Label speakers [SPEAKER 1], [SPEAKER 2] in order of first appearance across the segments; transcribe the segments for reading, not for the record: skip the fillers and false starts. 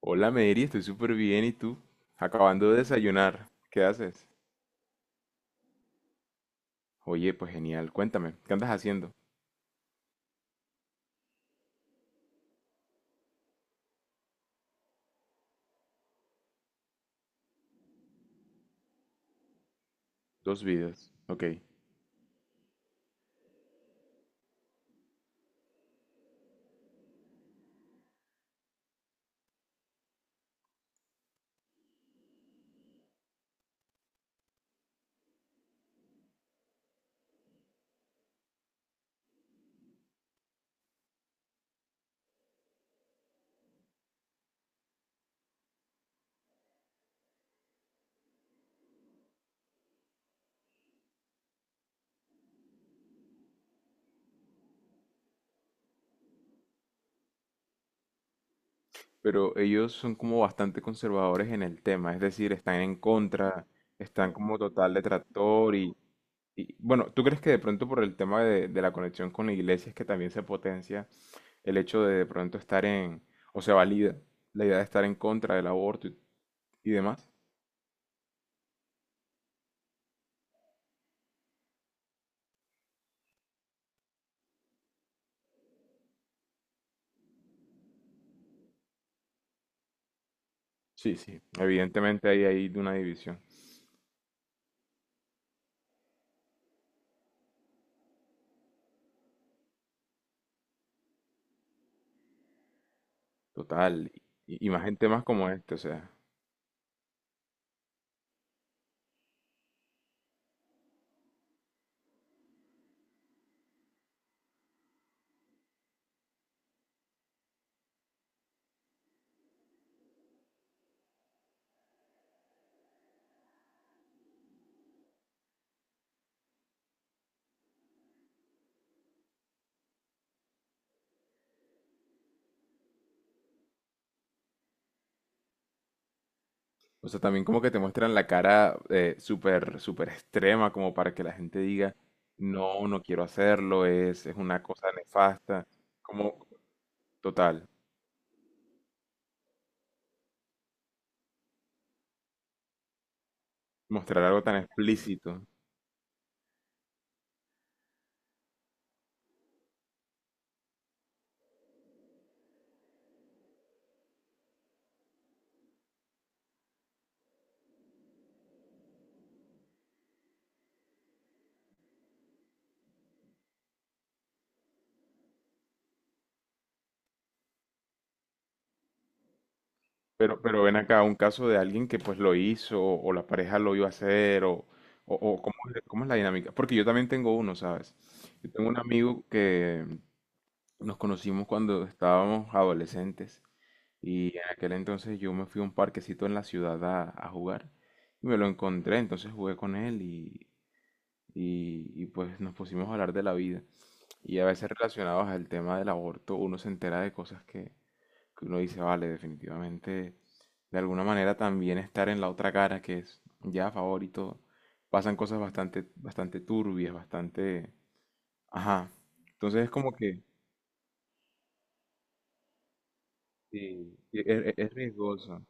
[SPEAKER 1] Hola Mary, estoy súper bien. ¿Y tú? Acabando de desayunar. ¿Qué haces? Oye, pues genial. Cuéntame, ¿qué andas haciendo? Dos vidas. Ok. Pero ellos son como bastante conservadores en el tema, es decir, están en contra, están como total detractor y bueno, ¿tú crees que de pronto por el tema de la conexión con la iglesia es que también se potencia el hecho de pronto estar en, o se valida la idea de estar en contra del aborto y demás? Sí, sí. Evidentemente ahí hay una división. Total. Y más gente más como este, o sea. O sea, también como que te muestran la cara súper, súper extrema, como para que la gente diga, no, no quiero hacerlo, es una cosa nefasta. Como, total, mostrar algo tan explícito. Pero ven acá un caso de alguien que pues lo hizo, o la pareja lo iba a hacer, o cómo es la dinámica? Porque yo también tengo uno, ¿sabes? Yo tengo un amigo que nos conocimos cuando estábamos adolescentes. Y en aquel entonces yo me fui a un parquecito en la ciudad a jugar y me lo encontré, entonces jugué con él y pues nos pusimos a hablar de la vida. Y a veces relacionados al tema del aborto uno se entera de cosas que uno dice, vale, definitivamente, de alguna manera también estar en la otra cara que es ya a favor y todo. Pasan cosas bastante, bastante turbias, bastante... Ajá. Entonces es como que... Sí, es, riesgoso.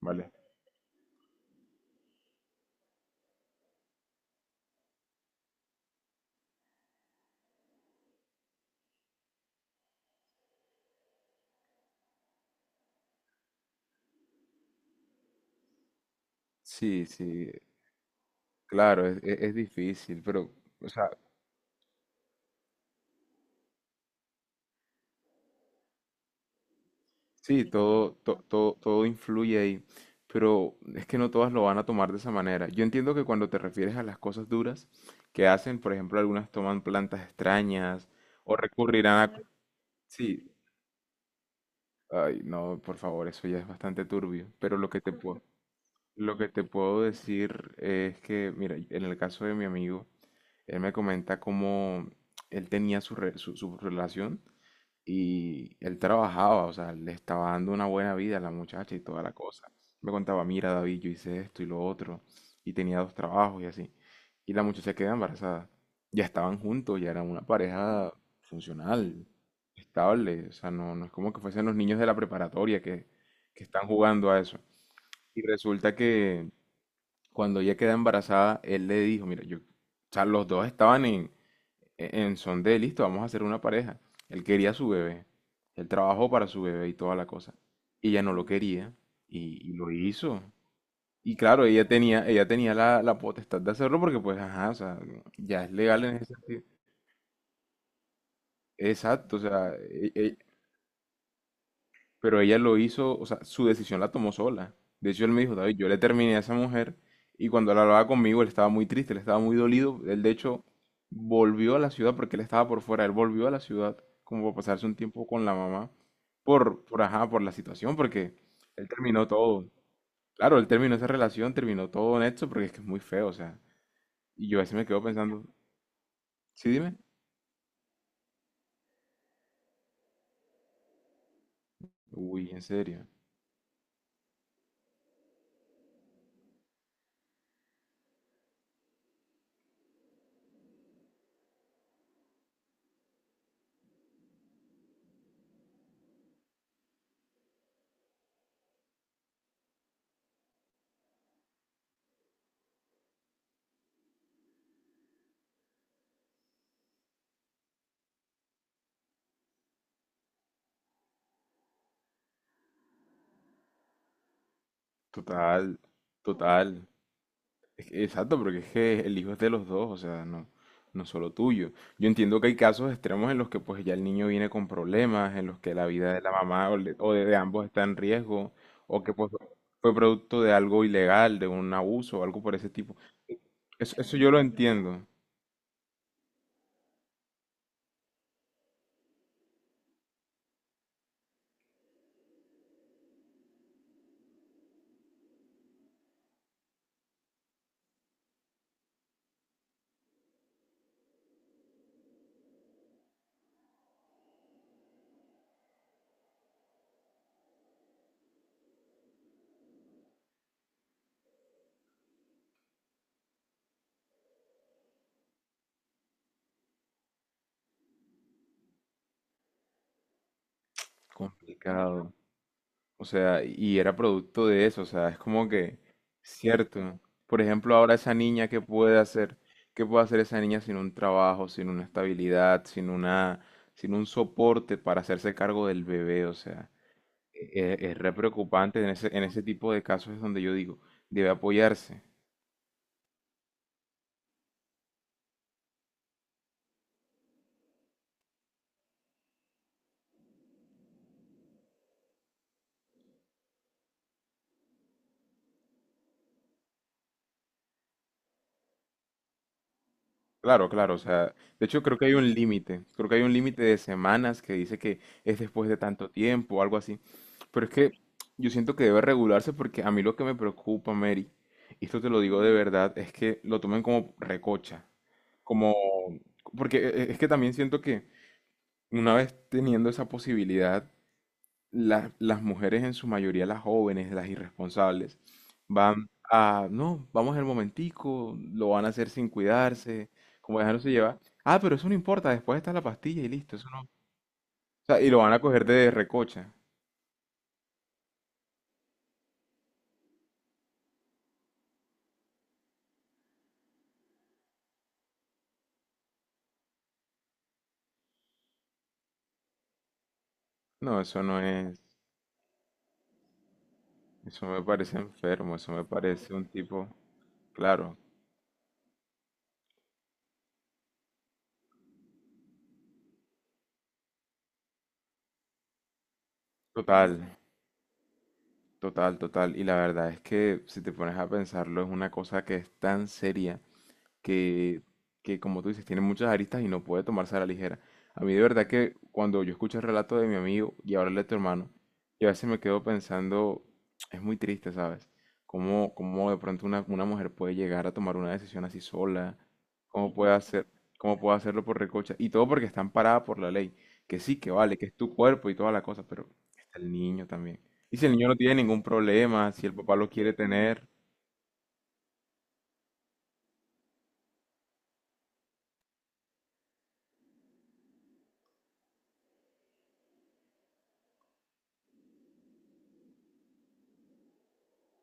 [SPEAKER 1] Vale. Sí, sí. Claro, es, es difícil, pero, o sea, sí, todo, todo, todo influye ahí, pero es que no todas lo van a tomar de esa manera. Yo entiendo que cuando te refieres a las cosas duras que hacen, por ejemplo, algunas toman plantas extrañas o recurrirán a... Sí, ay, no, por favor, eso ya es bastante turbio, pero lo que te puedo, lo que te puedo decir es que, mira, en el caso de mi amigo, él me comenta cómo él tenía su, su relación. Y él trabajaba, o sea, le estaba dando una buena vida a la muchacha y toda la cosa. Me contaba, mira, David, yo hice esto y lo otro, y tenía dos trabajos y así. Y la muchacha queda embarazada. Ya estaban juntos, ya eran una pareja funcional, estable. O sea, no, no es como que fuesen los niños de la preparatoria que están jugando a eso. Y resulta que cuando ella queda embarazada, él le dijo, mira, yo, o sea, los dos estaban en, en son de, listo, vamos a hacer una pareja. Él quería a su bebé, él trabajó para su bebé y toda la cosa. Y ella no lo quería y lo hizo. Y claro, ella tenía la, la potestad de hacerlo porque pues, ajá, o sea, ya es legal en ese sentido. Exacto, o sea, pero ella lo hizo, o sea, su decisión la tomó sola. De hecho, él me dijo, David, yo le terminé a esa mujer y cuando él hablaba conmigo, él estaba muy triste, él estaba muy dolido. Él, de hecho, volvió a la ciudad porque él estaba por fuera, él volvió a la ciudad como para pasarse un tiempo con la mamá ajá, por la situación, porque él terminó todo. Claro, él terminó esa relación, terminó todo en esto porque es que es muy feo, o sea. Y yo a veces me quedo pensando, sí, dime. Uy, en serio. Total, total. Es que exacto, porque es que el hijo es de los dos, o sea, no, no solo tuyo. Yo entiendo que hay casos extremos en los que pues ya el niño viene con problemas, en los que la vida de la mamá o, o de ambos está en riesgo, o que pues fue producto de algo ilegal, de un abuso o algo por ese tipo. Eso yo lo entiendo. Complicado. O sea, y era producto de eso, o sea, es como que, cierto. Por ejemplo, ahora esa niña, ¿qué puede hacer? ¿Qué puede hacer esa niña sin un trabajo, sin una estabilidad, sin una, sin un soporte para hacerse cargo del bebé? O sea, es, re preocupante en ese tipo de casos es donde yo digo, debe apoyarse. Claro, claro, o sea, de hecho creo que hay un límite, creo que hay un límite de semanas que dice que es después de tanto tiempo o algo así, pero es que yo siento que debe regularse porque a mí lo que me preocupa, Mary, y esto te lo digo de verdad, es que lo tomen como recocha, como, porque es que también siento que una vez teniendo esa posibilidad, las mujeres, en su mayoría las jóvenes, las irresponsables, van a, no, vamos al momentico, lo van a hacer sin cuidarse, como dejándose llevar. Ah, pero eso no importa, después está la pastilla y listo, eso no. O sea, y lo van a coger de recocha. No, eso no es, eso me parece enfermo, eso me parece un tipo, claro, total, total, total. Y la verdad es que si te pones a pensarlo, es una cosa que es tan seria que, que, como tú dices, tiene muchas aristas y no puede tomarse a la ligera. A mí de verdad que cuando yo escucho el relato de mi amigo y ahora el de tu hermano, yo a veces me quedo pensando, es muy triste, ¿sabes? Cómo, cómo de pronto una mujer puede llegar a tomar una decisión así sola, cómo puede hacer, cómo puede hacerlo por recocha, y todo porque está amparada por la ley, que sí, que vale, que es tu cuerpo y toda la cosa, pero está el niño también. Y si el niño no tiene ningún problema, si el papá lo quiere tener,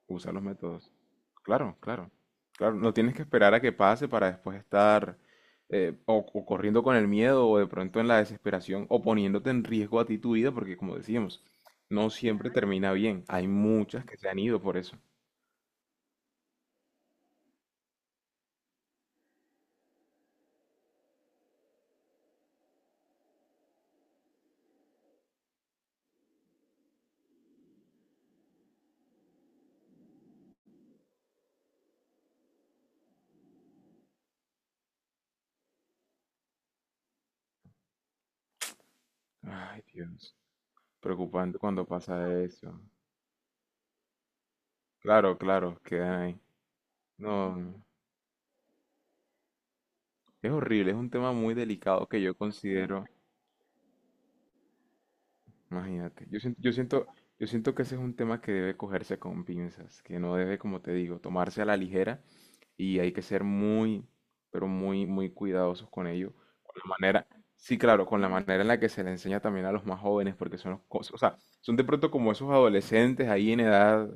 [SPEAKER 1] usa los métodos. Claro, claro. Claro, no tienes que esperar a que pase para después estar o corriendo con el miedo o de pronto en la desesperación o poniéndote en riesgo a ti tu vida, porque como decíamos, no siempre termina bien. Hay muchas que se han ido por eso. Ay, Dios. Preocupante cuando pasa eso. Claro, claro, quedan ahí. No, es horrible, es un tema muy delicado que yo considero. Imagínate, yo siento que ese es un tema que debe cogerse con pinzas, que no debe, como te digo, tomarse a la ligera y hay que ser muy, pero muy, muy cuidadosos con ello, con la manera, sí, claro, con la manera en la que se le enseña también a los más jóvenes, porque son los, o sea, son de pronto como esos adolescentes ahí en edad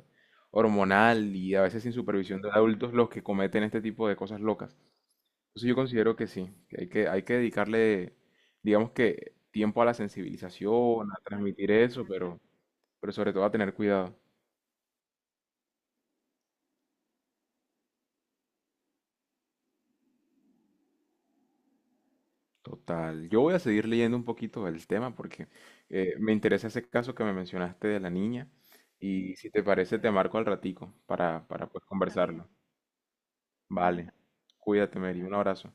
[SPEAKER 1] hormonal y a veces sin supervisión de adultos los que cometen este tipo de cosas locas. Entonces yo considero que sí, que hay que, hay que dedicarle, digamos que, tiempo a la sensibilización, a transmitir eso, pero sobre todo a tener cuidado. Total. Yo voy a seguir leyendo un poquito del tema porque me interesa ese caso que me mencionaste de la niña y si te parece te marco al ratico para pues conversarlo. Vale. Cuídate, Mary. Un abrazo.